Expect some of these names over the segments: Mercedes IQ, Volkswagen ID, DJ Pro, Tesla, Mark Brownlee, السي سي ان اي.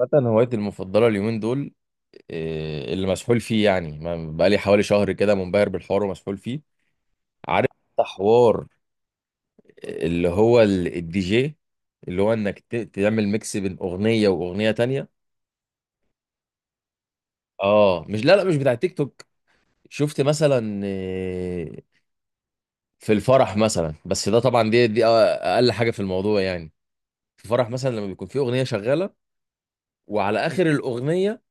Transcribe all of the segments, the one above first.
مثلا، هوايتي المفضلة اليومين دول اللي مسحول فيه. يعني بقالي حوالي شهر كده منبهر بالحوار ومسحول فيه. عارف أنت؟ حوار الدي جي، اللي هو انك تعمل ميكس بين أغنية وأغنية تانية. اه مش، لا لا، مش بتاع تيك توك. شفت مثلا في الفرح مثلا؟ بس ده طبعا دي أقل حاجة في الموضوع يعني. في فرح مثلا لما بيكون في أغنية شغالة وعلى آخر الأغنية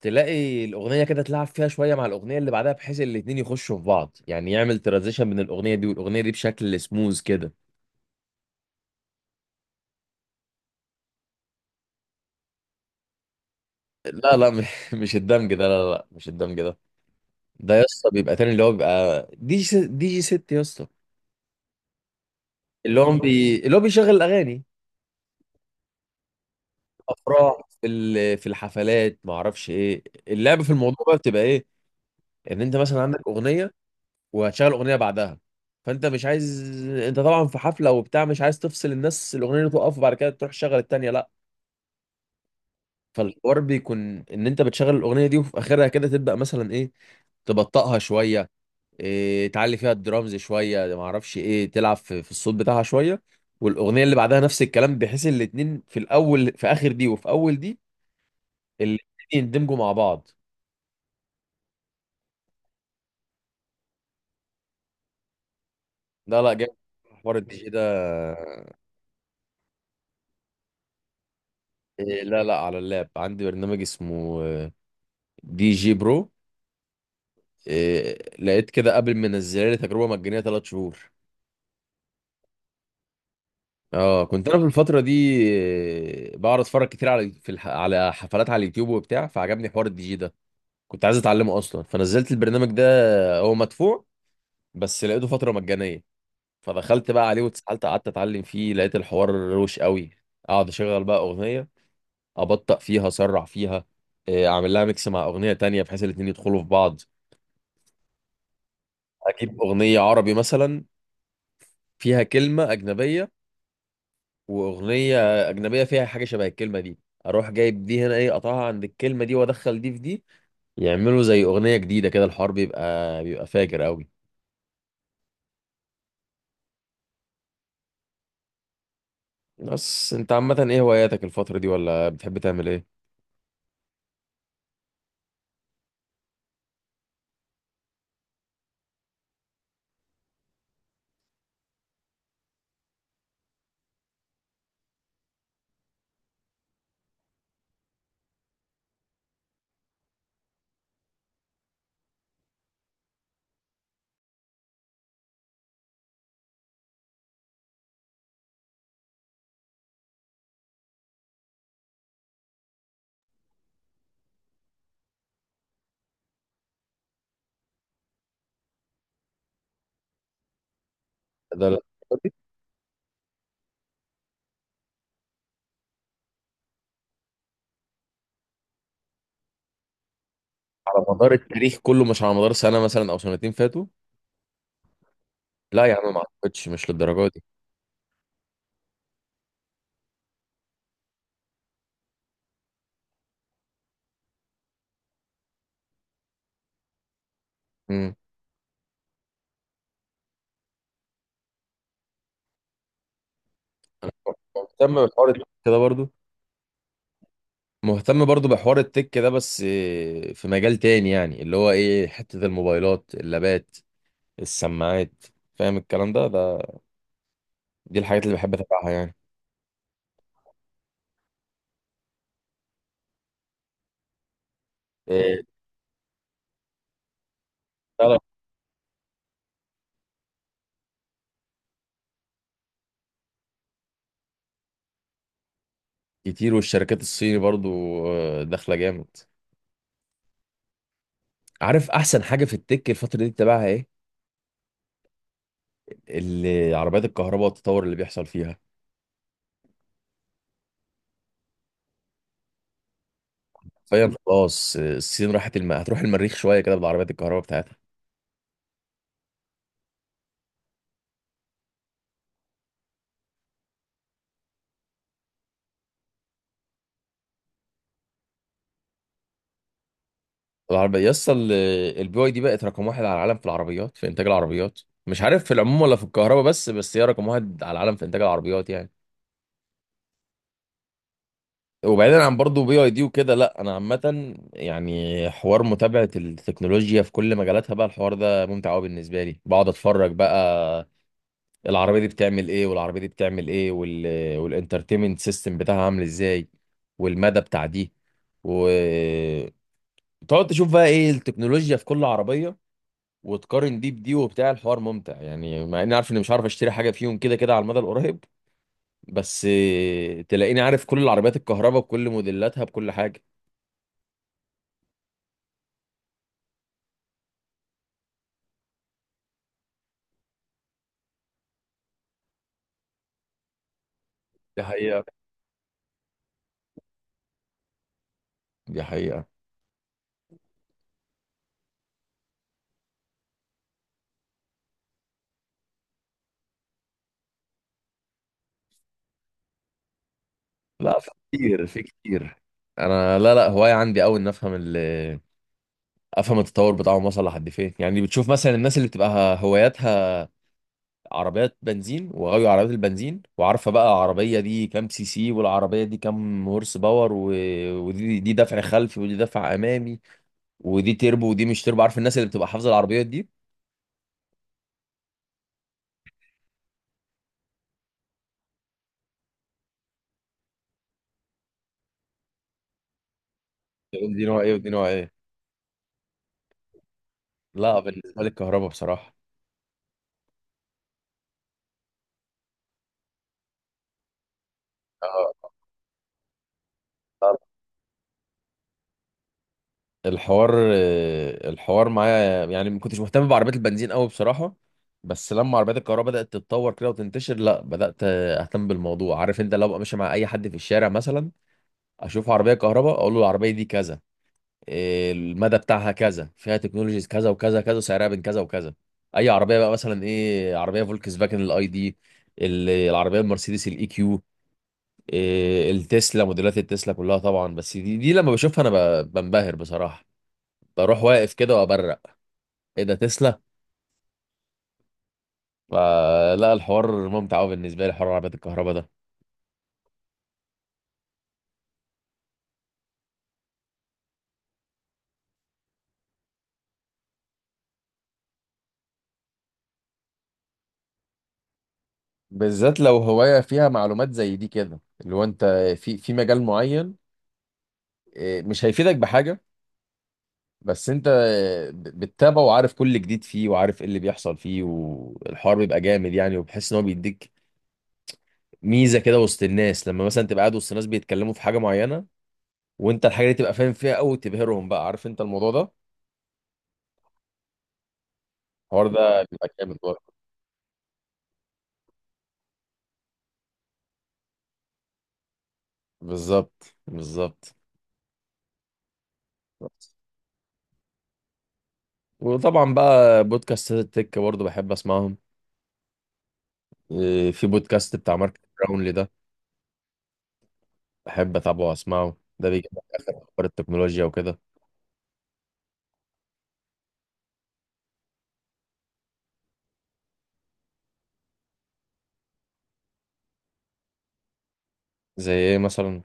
تلاقي الاغنيه كده تلعب فيها شويه مع الاغنيه اللي بعدها، بحيث الاتنين يخشوا في بعض، يعني يعمل ترانزيشن بين الاغنيه دي والاغنيه دي بشكل سموز كده. لا لا مش الدمج ده، لا لا مش الدمج ده. ده يا اسطى بيبقى تاني، اللي هو بيبقى دي جي ست يا اسطى. اللي هو بيشغل الاغاني. افراح، في الحفلات ما اعرفش ايه اللعبه في الموضوع بقى، بتبقى ايه؟ ان انت مثلا عندك اغنيه وهتشغل اغنيه بعدها، فانت مش عايز. انت طبعا في حفله وبتاع، مش عايز تفصل الناس، الاغنيه اللي تقف وبعد كده تروح تشغل التانيه، لا. فالحوار بيكون ان انت بتشغل الاغنيه دي وفي اخرها كده تبدا مثلا ايه، تبطئها شويه، إيه، تعلي فيها الدرامز شويه، ما اعرفش ايه، تلعب في الصوت بتاعها شويه. والاغنيه اللي بعدها نفس الكلام، بحيث الاتنين في الاول، في اخر دي وفي اول دي، الاتنين يندمجوا مع بعض. لا لا، جاي حوار الدي جي ده. لا لا، على اللاب عندي برنامج اسمه دي جي برو. إيه لقيت كده قبل ما انزلها لي تجربه مجانيه 3 شهور. اه، كنت انا في الفتره دي بقعد اتفرج كتير على، على حفلات على اليوتيوب وبتاع، فعجبني حوار الدي جي ده. كنت عايز اتعلمه اصلا، فنزلت البرنامج ده. هو مدفوع بس لقيته فتره مجانيه، فدخلت بقى عليه واتسالت، قعدت اتعلم فيه، لقيت الحوار روش قوي. اقعد اشغل بقى اغنيه، ابطأ فيها، اسرع فيها، اعمل لها ميكس مع اغنيه تانية بحيث الاتنين يدخلوا في بعض. اجيب اغنيه عربي مثلا فيها كلمه اجنبيه، واغنيه اجنبيه فيها حاجه شبه الكلمه دي، اروح جايب دي هنا، ايه، اقطعها عند الكلمه دي وادخل دي في دي، يعملوا زي اغنيه جديده كده. الحوار بيبقى فاجر قوي. بس انت عامه ايه هواياتك الفتره دي؟ ولا بتحب تعمل ايه؟ ده على مدار التاريخ كله؟ مش على مدار سنه مثلا او سنتين فاتوا؟ لا يا عم، ما اعتقدش، مش للدرجه دي. امم. مهتم بحوار التك كده برضو. مهتم برضو بحوار التك ده بس في مجال تاني، يعني اللي هو ايه، حته الموبايلات، اللابات، السماعات. فاهم الكلام ده ده؟ دي الحاجات اللي بحب اتابعها يعني. إيه، تعرف. كتير، والشركات الصيني برضو داخله جامد. عارف احسن حاجه في التك الفتره دي تتابعها ايه؟ اللي عربيات الكهرباء والتطور اللي بيحصل فيها. فاهم؟ خلاص الصين راحت هتروح المريخ شويه كده بالعربيات الكهرباء بتاعتها. العربيه يسطا البي واي دي بقت رقم واحد على العالم في العربيات، في انتاج العربيات. مش عارف في العموم ولا في الكهرباء، بس بس هي رقم واحد على العالم في انتاج العربيات يعني. وبعيدا عن برضه بي اي دي وكده، لا انا عامه يعني حوار متابعه التكنولوجيا في كل مجالاتها بقى الحوار ده ممتع قوي بالنسبه لي. بقعد اتفرج بقى العربيه دي بتعمل ايه والعربيه دي بتعمل ايه، وال... والانترتينمنت سيستم بتاعها عامل ازاي، والمدى بتاع دي، وتقعد تشوف بقى ايه التكنولوجيا في كل عربيه، وتقارن دي بدي وبتاع. الحوار ممتع يعني، مع اني عارف اني مش عارف اشتري حاجه فيهم كده كده على المدى القريب، بس تلاقيني عارف كل العربيات الكهرباء بكل موديلاتها بكل حاجه. دي حقيقة. دي حقيقة. لا، في كتير، في كتير. انا لا لا هواية عندي قوي ان افهم ال، افهم التطور بتاعهم وصل لحد فين. يعني بتشوف مثلا الناس اللي بتبقى هواياتها عربيات بنزين وغاوية عربيات البنزين، وعارفة بقى العربية دي كام سي سي، والعربية دي كام هورس باور، و... ودي دفع خلفي، ودي دفع امامي، ودي تربو ودي مش تربو. عارف الناس اللي بتبقى حافظة العربيات دي؟ تقول دي نوع ايه ودي نوع ايه. لا بالنسبة لي الكهرباء بصراحة. آه. الحوار الحوار معايا يعني ما كنتش مهتم بعربيات البنزين قوي بصراحة. بس لما عربيات الكهرباء بدأت تتطور كده وتنتشر، لا بدأت اهتم بالموضوع. عارف انت، لو أبقى ماشي مع اي حد في الشارع مثلا، اشوف عربية كهرباء، اقول له العربية دي كذا، المدى بتاعها كذا، فيها تكنولوجيز كذا وكذا كذا، سعرها بين كذا وكذا. اي عربية بقى، مثلا ايه، عربية فولكس فاجن الاي دي، العربية المرسيدس الاي كيو، التسلا، موديلات التسلا كلها طبعا. بس دي لما بشوفها انا بنبهر بصراحة. بروح واقف كده وابرق، ايه ده تسلا؟ فلا، الحوار ممتع قوي بالنسبه لي حوار عربيات الكهرباء ده. بالذات لو هواية فيها معلومات زي دي كده، اللي هو انت في في مجال معين مش هيفيدك بحاجة، بس انت بتتابعه وعارف كل جديد فيه، وعارف ايه اللي بيحصل فيه، والحوار بيبقى جامد يعني. وبحس ان هو بيديك ميزة كده وسط الناس، لما مثلا تبقى قاعد وسط الناس بيتكلموا في حاجة معينة، وانت الحاجة دي تبقى فاهم فيها قوي، تبهرهم بقى، عارف انت الموضوع ده؟ الحوار ده بيبقى جامد برضه. بالظبط بالظبط. وطبعا بقى بودكاستات التك برضه بحب اسمعهم. في بودكاست بتاع مارك براونلي ده بحب اتابعه واسمعه. ده بيجيب لك اخر اخبار التكنولوجيا وكده. زي ايه مثلا؟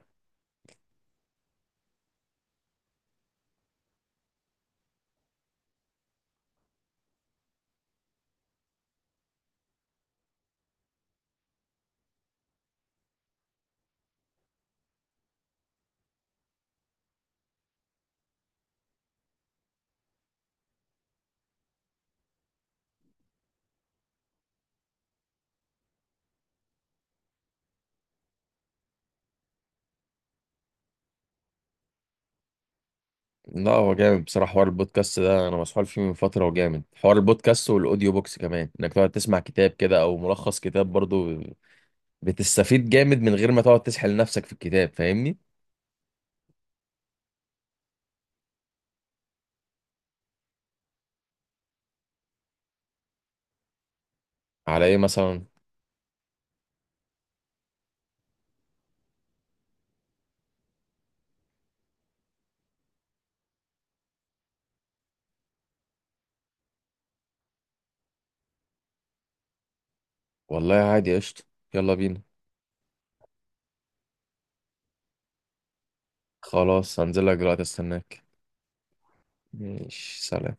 لا هو جامد بصراحه حوار البودكاست ده، انا مسحول فيه من فتره. وجامد حوار البودكاست والاوديو بوكس كمان، انك تقعد تسمع كتاب كده او ملخص كتاب برضه، بتستفيد جامد من غير ما تقعد تسحل نفسك في الكتاب. فاهمني؟ على ايه مثلا؟ والله عادي، قشطه. يلا بينا. خلاص هنزل لك دلوقتي، استناك. ماشي، سلام.